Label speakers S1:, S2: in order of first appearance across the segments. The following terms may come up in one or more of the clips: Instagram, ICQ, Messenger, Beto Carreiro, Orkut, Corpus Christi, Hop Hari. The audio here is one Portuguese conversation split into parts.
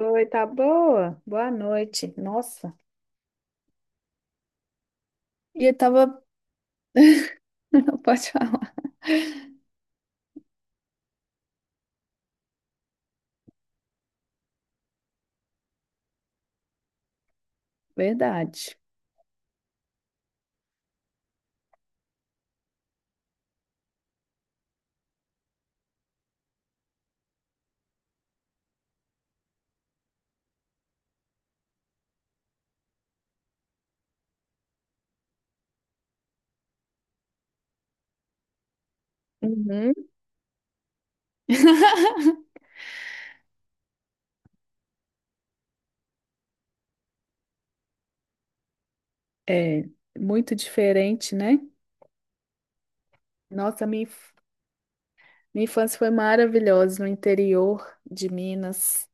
S1: Oi, tá boa? Boa noite. Nossa. E eu tava. Pode falar. Verdade. Uhum. É muito diferente, né? Nossa, minha infância foi maravilhosa no interior de Minas.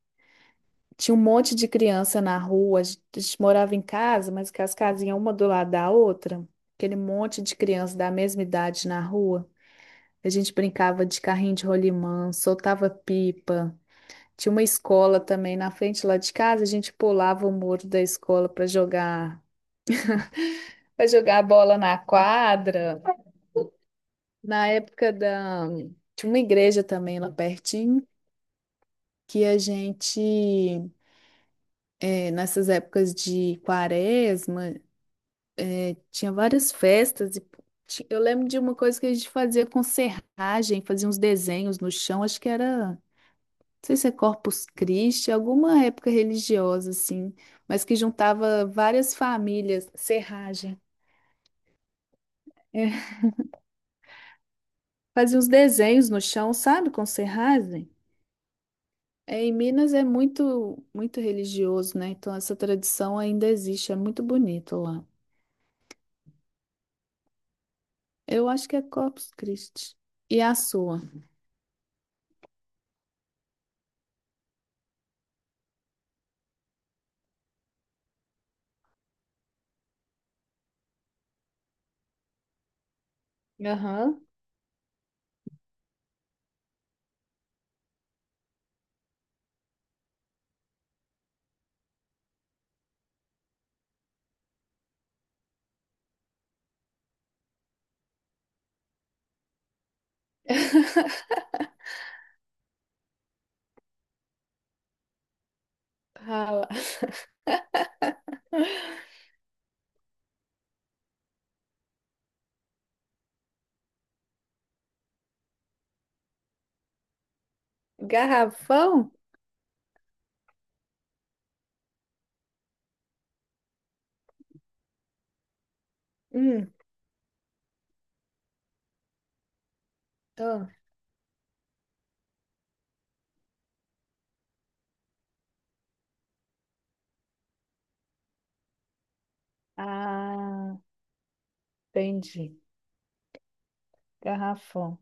S1: Tinha um monte de criança na rua. A gente morava em casa, mas que as casinhas uma do lado da outra. Aquele monte de criança da mesma idade na rua. A gente brincava de carrinho de rolimã, soltava pipa. Tinha uma escola também na frente lá de casa, a gente pulava o muro da escola para jogar bola na quadra. Na época da tinha uma igreja também lá pertinho que a gente, nessas épocas de quaresma, tinha várias festas e eu lembro de uma coisa que a gente fazia com serragem, fazia uns desenhos no chão, acho que era sei se é Corpus Christi, alguma época religiosa, assim, mas que juntava várias famílias. Serragem. É, fazia uns desenhos no chão, sabe, com serragem. É, em Minas é muito, muito religioso, né? Então essa tradição ainda existe, é muito bonito lá. Eu acho que é Corpus Christi. E a sua? Aham. Rala. Garrafão? Hum, tô. Ah, entendi. Garrafão.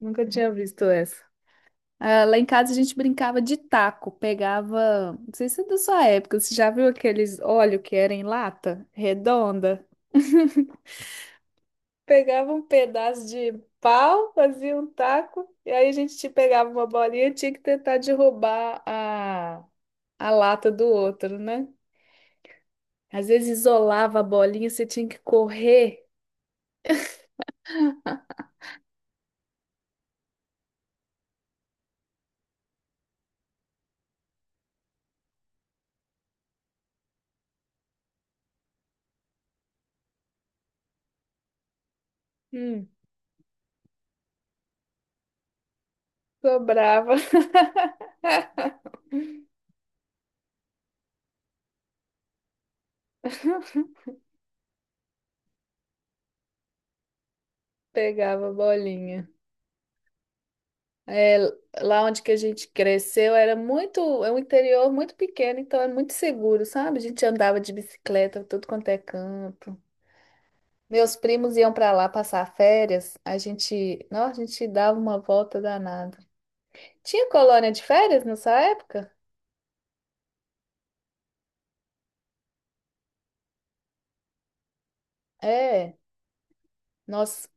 S1: Nunca tinha visto essa. Ah, lá em casa a gente brincava de taco, pegava, não sei se é da sua época, você já viu aqueles óleo que era em lata redonda? Pegava um pedaço de pau, fazia um taco, e aí a gente te pegava uma bolinha e tinha que tentar derrubar a lata do outro, né? Às vezes isolava a bolinha, você tinha que correr, hum, sobrava, pegava a bolinha. É, lá onde que a gente cresceu era muito, é um interior muito pequeno, então é muito seguro, sabe? A gente andava de bicicleta, tudo quanto é canto. Meus primos iam para lá passar férias, a gente, não, a gente dava uma volta danada. Tinha colônia de férias nessa época? É, nós,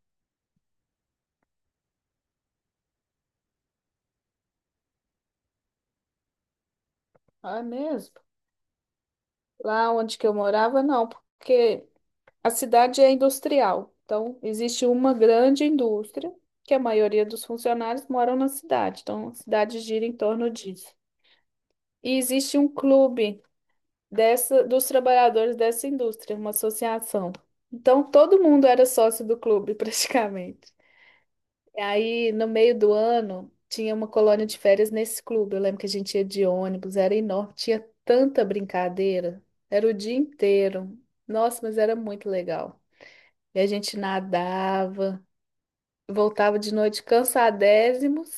S1: ah, é mesmo. Lá onde que eu morava, não, porque a cidade é industrial, então existe uma grande indústria, que a maioria dos funcionários moram na cidade, então a cidade gira em torno disso. E existe um clube dessa, dos trabalhadores dessa indústria, uma associação. Então todo mundo era sócio do clube, praticamente. E aí, no meio do ano, tinha uma colônia de férias nesse clube. Eu lembro que a gente ia de ônibus, era enorme, tinha tanta brincadeira, era o dia inteiro. Nossa, mas era muito legal. E a gente nadava, voltava de noite cansadésimos.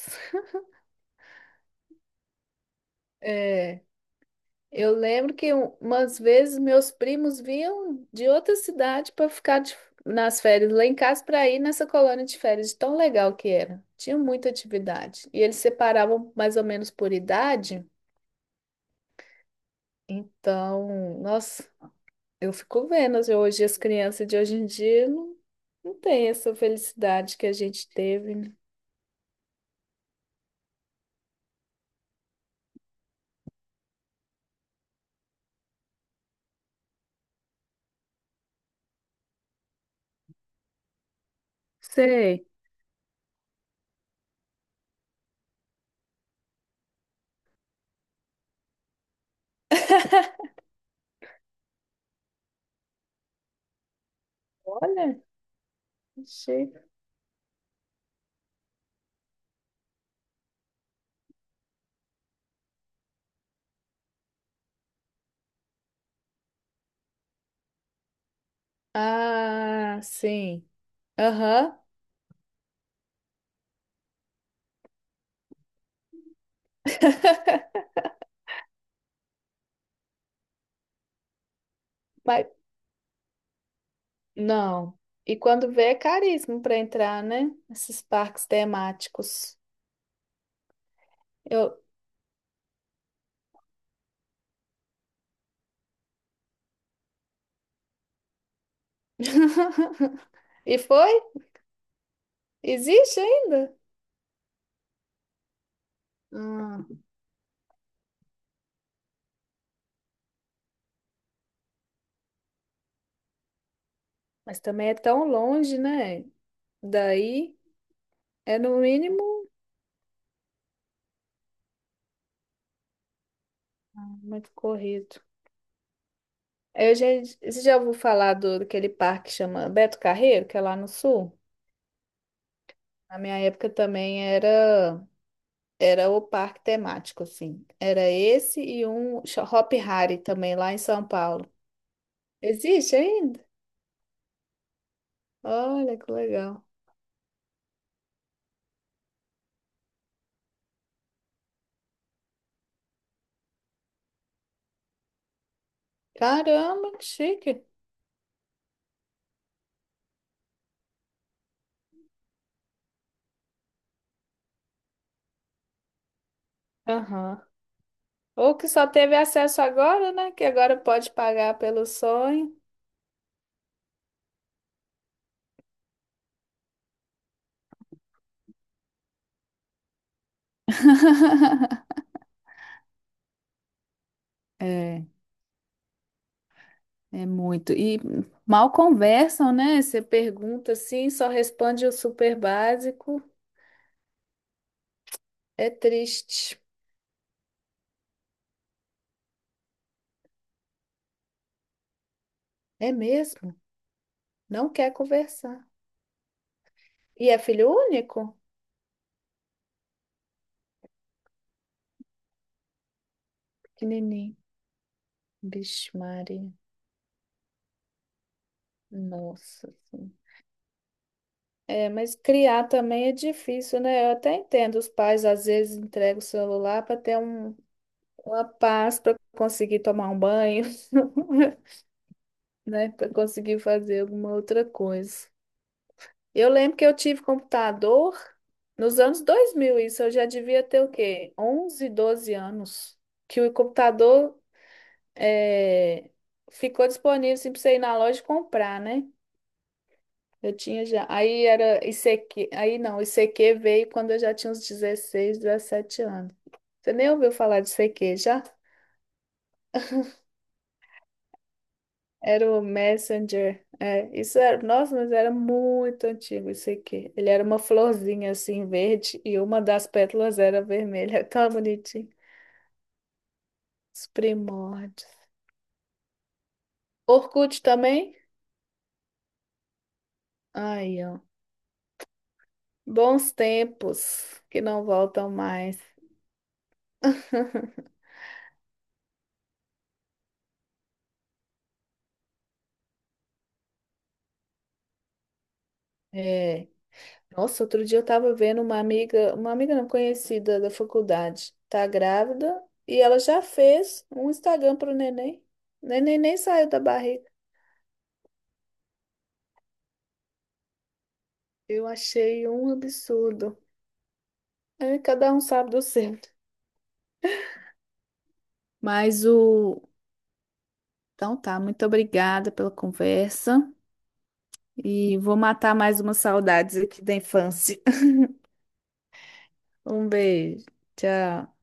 S1: É, eu lembro que umas vezes meus primos vinham de outra cidade para ficar nas férias lá em casa para ir nessa colônia de férias, de tão legal que era. Tinha muita atividade. E eles separavam mais ou menos por idade. Então, nossa, eu fico vendo assim, hoje as crianças de hoje em dia não têm essa felicidade que a gente teve, né? Sei. Olha, achei. Ah, sim. Aham. Mas não. E quando vê é caríssimo para entrar, né? Esses parques temáticos. Eu. E foi? Existe ainda? Ah, mas também é tão longe, né? Daí é no mínimo muito corrido. Eu já, você já ouviu falar do, daquele parque que chama Beto Carreiro, que é lá no sul? Na minha época também era. Era o parque temático, assim. Era esse e Hop Hari também, lá em São Paulo. Existe ainda? Olha que legal. Caramba, que chique. Aham. Ou que só teve acesso agora, né? Que agora pode pagar pelo sonho. É, é muito. E mal conversam, né? Você pergunta assim, só responde o super básico. É triste. É mesmo? Não quer conversar. E é filho único? Pequenininho. Vixe, Maria. Nossa. Senhora. É, mas criar também é difícil, né? Eu até entendo, os pais às vezes entregam o celular para ter um, uma paz para conseguir tomar um banho, né? Para conseguir fazer alguma outra coisa. Eu lembro que eu tive computador nos anos 2000. Isso eu já devia ter o quê? 11, 12 anos, que o computador, é, ficou disponível assim, para você ir na loja e comprar, né? Eu tinha já. Aí era ICQ. Aí não, ICQ veio quando eu já tinha uns 16, 17 anos. Você nem ouviu falar de ICQ já? Era o Messenger. É, isso era. Nossa, mas era muito antigo isso aqui. Ele era uma florzinha assim, verde, e uma das pétalas era vermelha. Tão bonitinho. Os primórdios. Orkut também? Aí, ó. Bons tempos que não voltam mais. É. Nossa, outro dia eu tava vendo uma amiga não conhecida da faculdade, tá grávida e ela já fez um Instagram pro neném. O neném nem saiu da barriga. Eu achei um absurdo. É, cada um sabe do seu. Mas o. Então tá, muito obrigada pela conversa e vou matar mais umas saudades aqui da infância. Um beijo. Tchau.